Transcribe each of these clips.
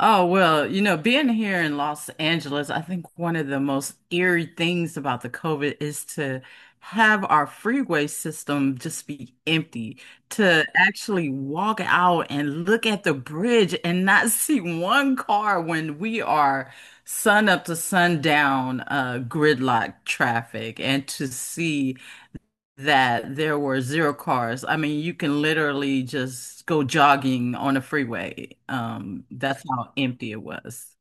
Oh, well, you know, being here in Los Angeles, I think one of the most eerie things about the COVID is to have our freeway system just be empty, to actually walk out and look at the bridge and not see one car when we are sun up to sundown, gridlock traffic, and to see that there were zero cars. I mean, you can literally just go jogging on a freeway. That's how empty it was.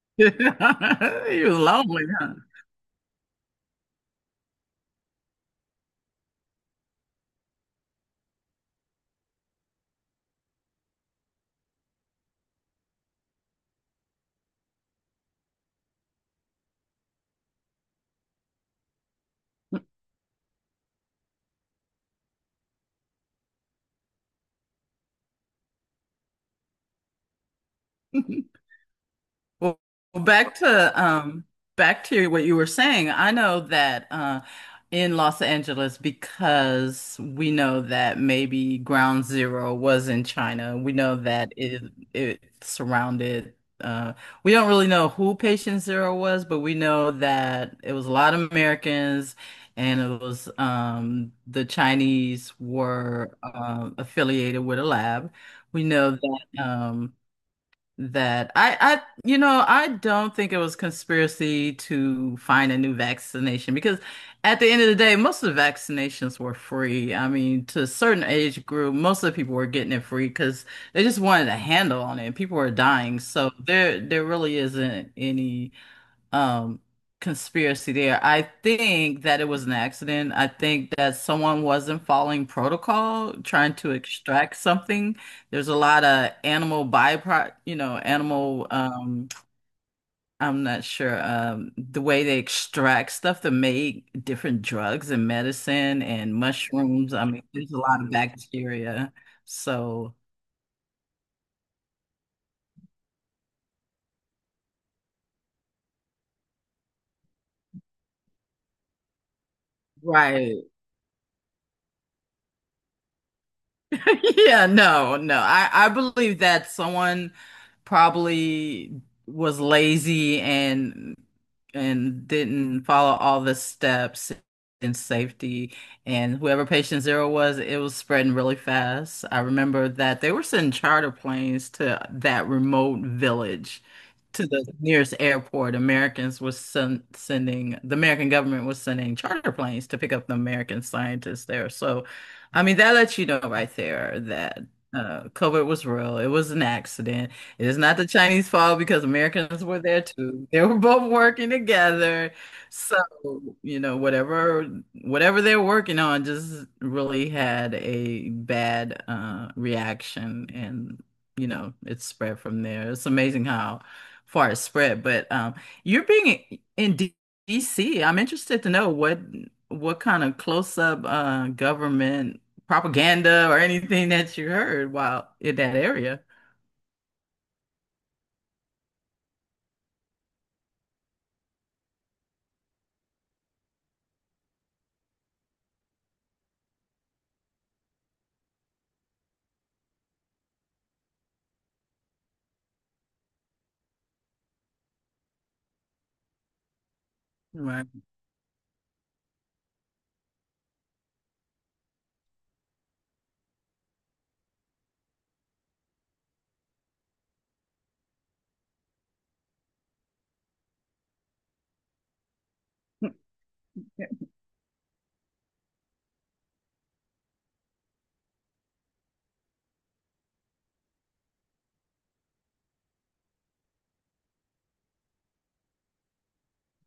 It was lonely, huh? Well, well, back to back to what you were saying. I know that in Los Angeles, because we know that maybe Ground Zero was in China. We know that it surrounded. Uh, we don't really know who Patient Zero was, but we know that it was a lot of Americans, and it was the Chinese were affiliated with a lab. We know that. That I you know I don't think it was conspiracy to find a new vaccination, because at the end of the day most of the vaccinations were free. I mean, to a certain age group most of the people were getting it free because they just wanted a handle on it. People were dying. So there really isn't any um conspiracy there. I think that it was an accident. I think that someone wasn't following protocol, trying to extract something. There's a lot of animal byproduct, you know, animal I'm not sure the way they extract stuff to make different drugs and medicine and mushrooms. I mean, there's a lot of bacteria. So, right. Yeah, no, no. I believe that someone probably was lazy and didn't follow all the steps in safety. And whoever patient zero was, it was spreading really fast. I remember that they were sending charter planes to that remote village, to the nearest airport. Americans was sen sending, The American government was sending charter planes to pick up the American scientists there. So I mean, that lets you know right there that COVID was real. It was an accident. It is not the Chinese fault because Americans were there too. They were both working together. So, you know, whatever they're working on just really had a bad reaction, and you know, it spread from there. It's amazing how far it spread. But you're being in D DC. I'm interested to know what kind of close-up government propaganda or anything that you heard while in that area. Right,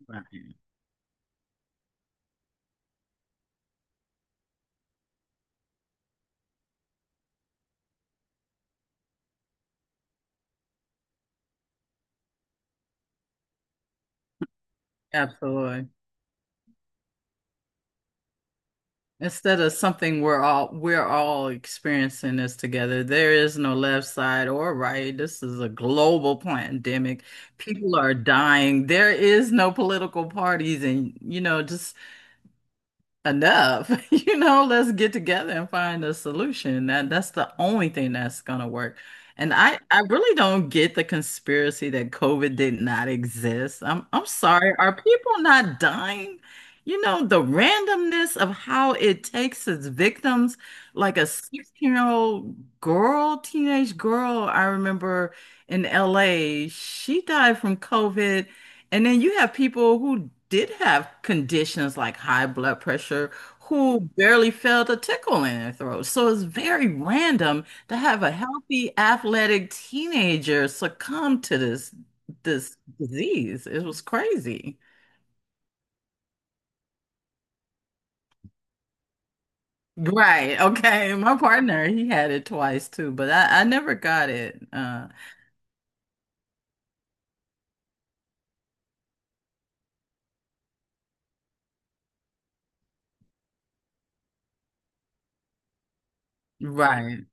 right. Absolutely. Instead of something we're all experiencing this together. There is no left side or right. This is a global pandemic. People are dying. There is no political parties, and you know, just enough. You know, let's get together and find a solution. That's the only thing that's gonna work. And I really don't get the conspiracy that COVID did not exist. I'm sorry. Are people not dying? You know, the randomness of how it takes its victims, like a 16-year-old girl, teenage girl, I remember in LA, she died from COVID, and then you have people who did have conditions like high blood pressure who barely felt a tickle in their throat. So it's very random to have a healthy, athletic teenager succumb to this disease. It was crazy. Right. Okay. My partner, he had it twice too, but I never got it. Right.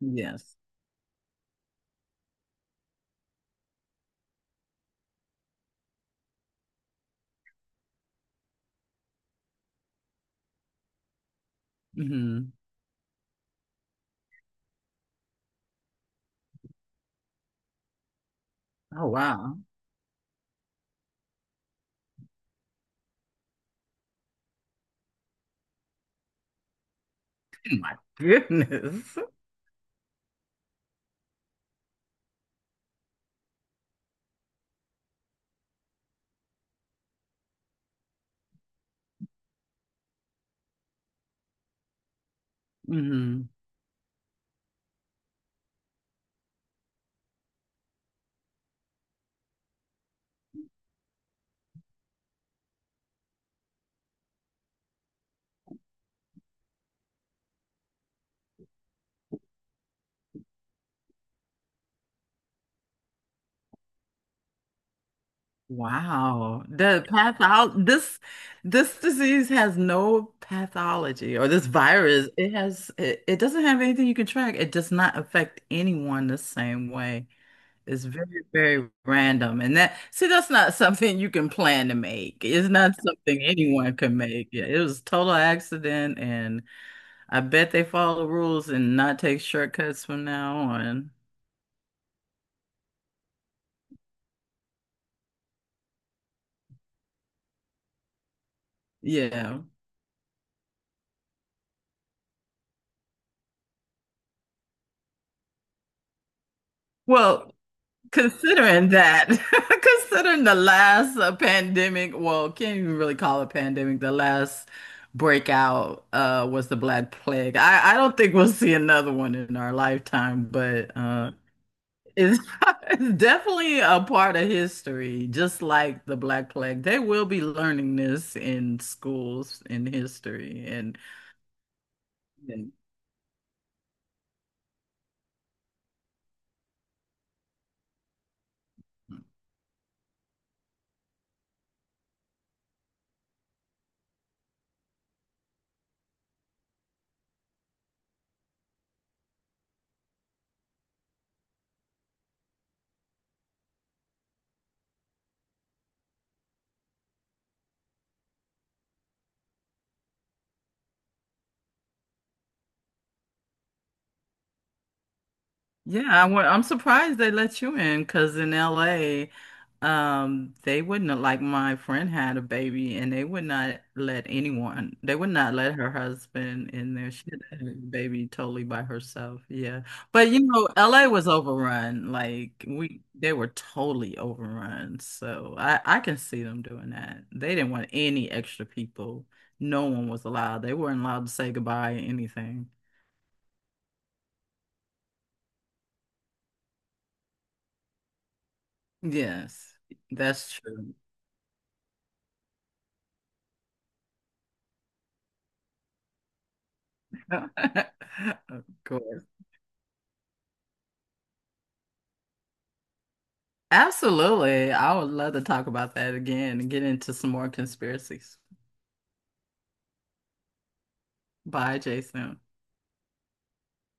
Yes. Hmm. Oh, wow. My goodness. Hmm. Wow. The pathol This this disease has no pathology, or this virus. It has it doesn't have anything you can track. It does not affect anyone the same way. It's very, very random. And that, see, that's not something you can plan to make. It's not something anyone can make. Yeah, it was total accident, and I bet they follow the rules and not take shortcuts from now on. Yeah. Well, considering that, considering the last pandemic, well, can't even really call it pandemic. The last breakout was the Black Plague. I don't think we'll see another one in our lifetime, but uh, it's, it's definitely a part of history, just like the Black Plague. They will be learning this in schools in history, and yeah, I'm surprised they let you in because in LA, they wouldn't have- like my friend had a baby and they would not let anyone, they would not let her husband in there. She had a baby totally by herself. Yeah. But you know, LA was overrun. Like we, they were totally overrun. So I can see them doing that. They didn't want any extra people. No one was allowed. They weren't allowed to say goodbye or anything. Yes, that's true. Of course. Absolutely. I would love to talk about that again and get into some more conspiracies. Bye, Jason.